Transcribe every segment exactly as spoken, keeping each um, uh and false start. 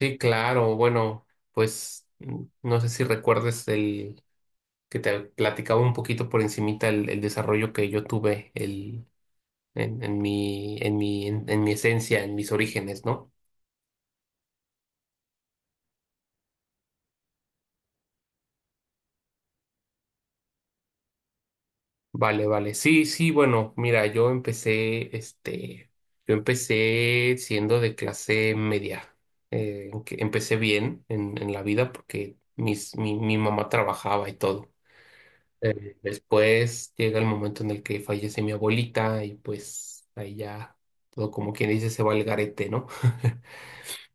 Sí, claro. Bueno, pues mm, no sé si recuerdes el que te platicaba un poquito por encimita el, el desarrollo que yo tuve el, en, en mi, en mi, en, en mi esencia, en mis orígenes, ¿no? Vale, vale. Sí, sí, bueno, mira, yo empecé, este, yo empecé siendo de clase media. Eh, que empecé bien en, en la vida porque mis, mi, mi mamá trabajaba y todo. Eh, después llega el momento en el que fallece mi abuelita y pues ahí ya todo, como quien dice, se va al garete, ¿no?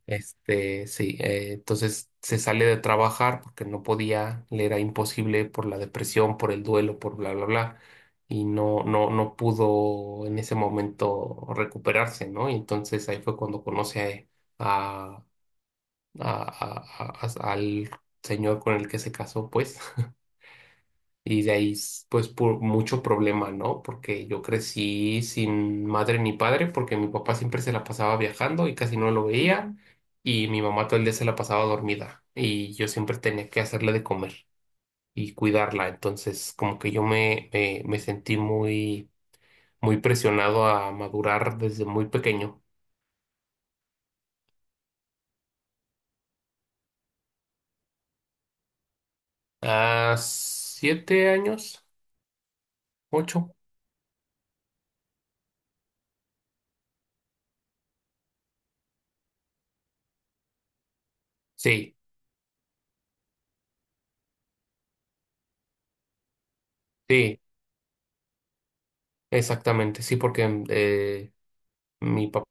Este, sí, eh, entonces se sale de trabajar porque no podía, le era imposible por la depresión, por el duelo, por bla, bla, bla, y no, no, no pudo en ese momento recuperarse, ¿no? Y entonces ahí fue cuando conoce a, a- a- a- a- al señor con el que se casó, pues. Y de ahí, s- pues, por mucho problema, ¿no? Porque yo crecí sin madre ni padre, porque mi papá siempre se la pasaba viajando y casi no lo veía, y mi mamá todo el día se la pasaba dormida, y yo siempre tenía que hacerle de comer y cuidarla. Entonces, como que yo me, me, me sentí muy, muy presionado a madurar desde muy pequeño. A siete años, ocho. Sí, sí, exactamente, sí, porque eh, mi papá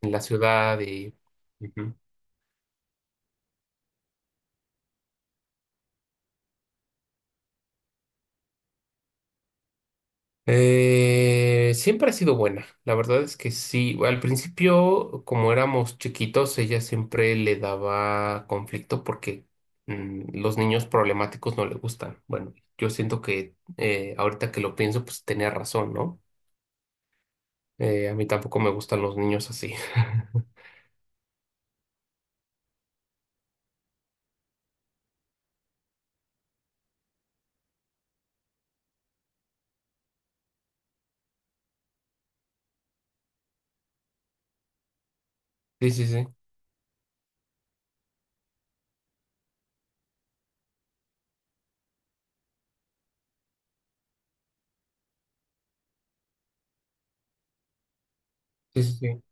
en la ciudad y ujú. Eh, siempre ha sido buena. La verdad es que sí. Al principio, como éramos chiquitos, ella siempre le daba conflicto porque mm, los niños problemáticos no le gustan. Bueno, yo siento que eh, ahorita que lo pienso, pues tenía razón, ¿no? Eh, a mí tampoco me gustan los niños así. Sí, sí, sí. Sí, sí, sí.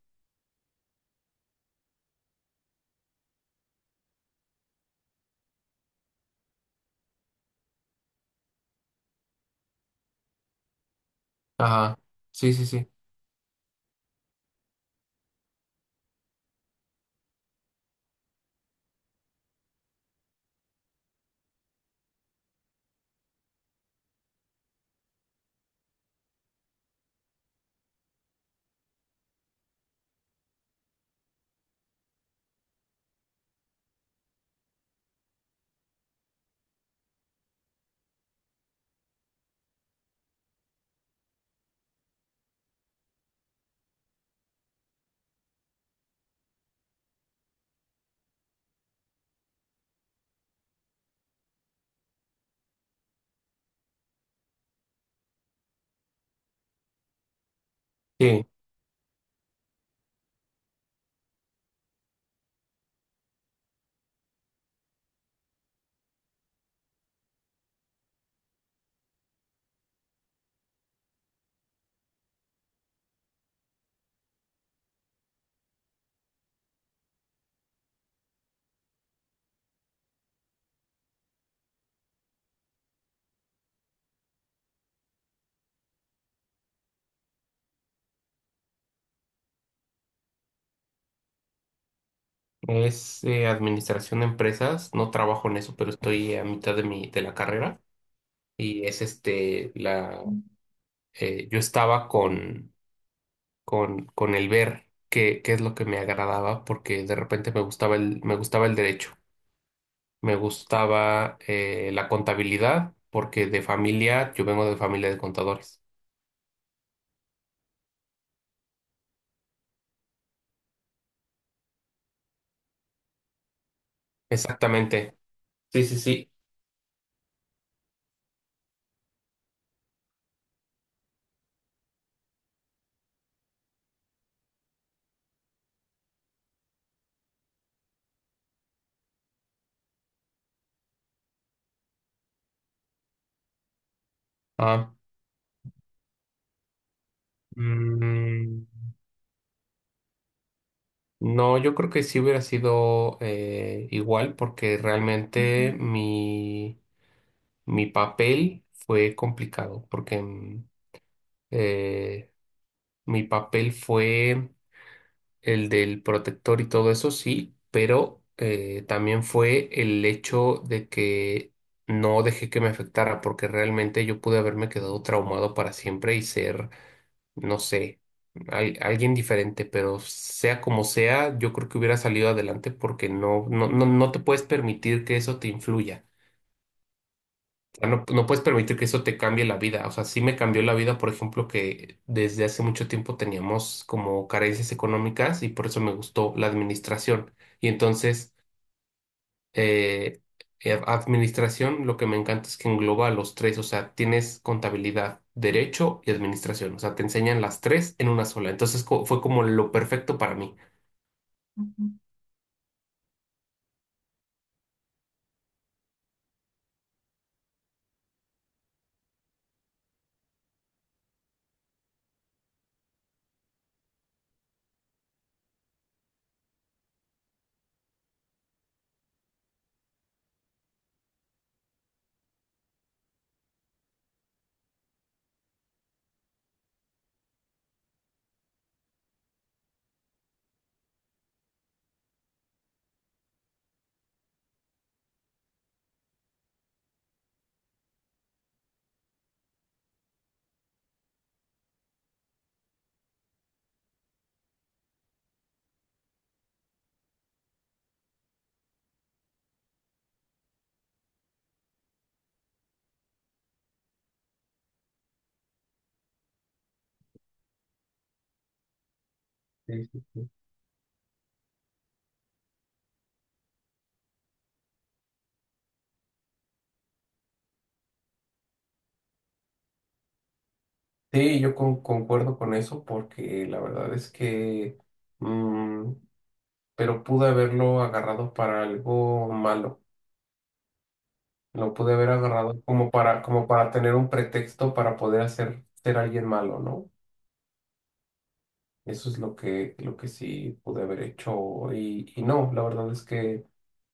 Ajá. Sí, sí, sí. Sí. Es eh, administración de empresas. No trabajo en eso, pero estoy a mitad de mi, de la carrera. Y es este, la, eh, yo estaba con, con, con el ver qué, qué es lo que me agradaba, porque de repente me gustaba el, me gustaba el derecho, me gustaba eh, la contabilidad, porque de familia, yo vengo de familia de contadores. Exactamente. Sí, sí, sí. Ah, mm, no, yo creo que sí hubiera sido eh, igual, porque realmente mi, mi papel fue complicado, porque mm, eh, mi papel fue el del protector y todo eso, sí, pero eh, también fue el hecho de que no dejé que me afectara, porque realmente yo pude haberme quedado traumado para siempre y ser, no sé, al- alguien diferente, pero sea como sea, yo creo que hubiera salido adelante porque no, no, no, no te puedes permitir que eso te influya sea. No, no puedes permitir que eso te cambie la vida. O sea, sí me cambió la vida, por ejemplo, que desde hace mucho tiempo teníamos como carencias económicas y por eso me gustó la administración. Y entonces, eh, eh, administración, lo que me encanta es que engloba a los tres. O sea, tienes contabilidad, derecho y administración. O sea, te enseñan las tres en una sola. Entonces, co- fue como lo perfecto para mí. Ujú. Sí, sí, sí. Sí, yo con- concuerdo con eso porque la verdad es que pero pude haberlo agarrado para algo malo. Lo pude haber agarrado como para, como para tener un pretexto para poder hacer ser alguien malo, ¿no? Eso es lo que, lo que sí pude haber hecho y, y no, la verdad es que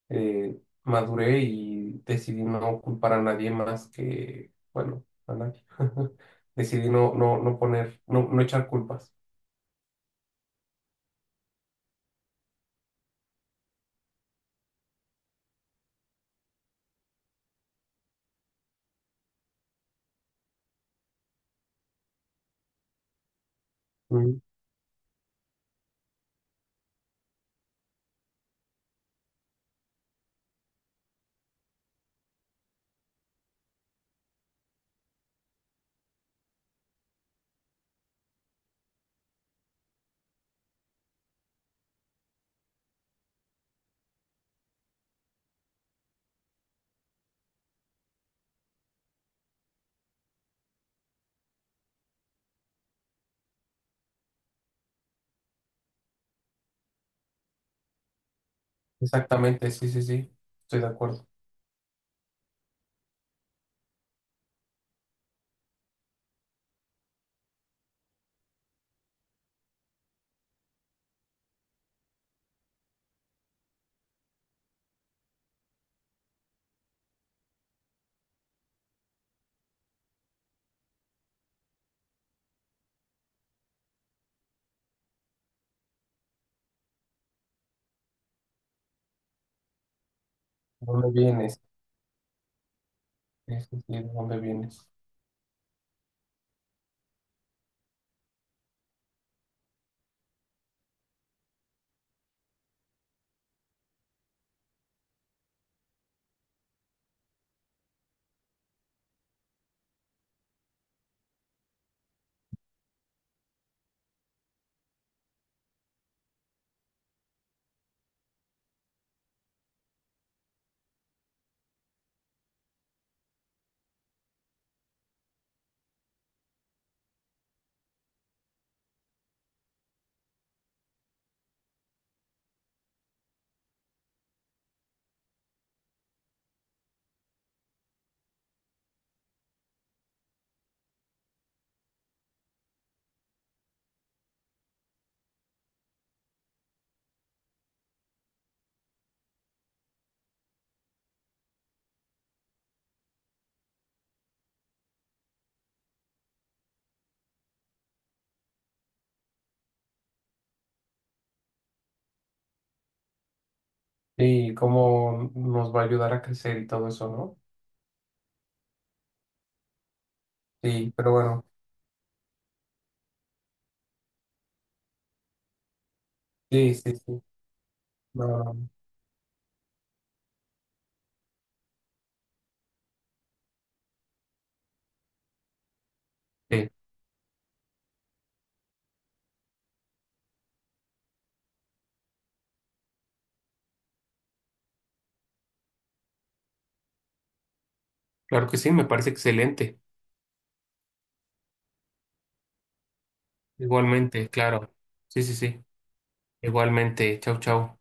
eh, maduré y decidí no culpar a nadie más que, bueno, a nadie. Decidí no, no, no poner, no, no echar culpas. Mm. Exactamente, sí, sí, sí, estoy de acuerdo. ¿De dónde vienes? Sí, sí, sí, ¿de dónde vienes? Y cómo nos va a ayudar a crecer y todo eso, ¿no? Sí, pero bueno, sí, sí, sí. No, no, sí, claro que sí, me parece excelente. Igualmente, claro. Sí, sí, sí. Igualmente. Chau, chau.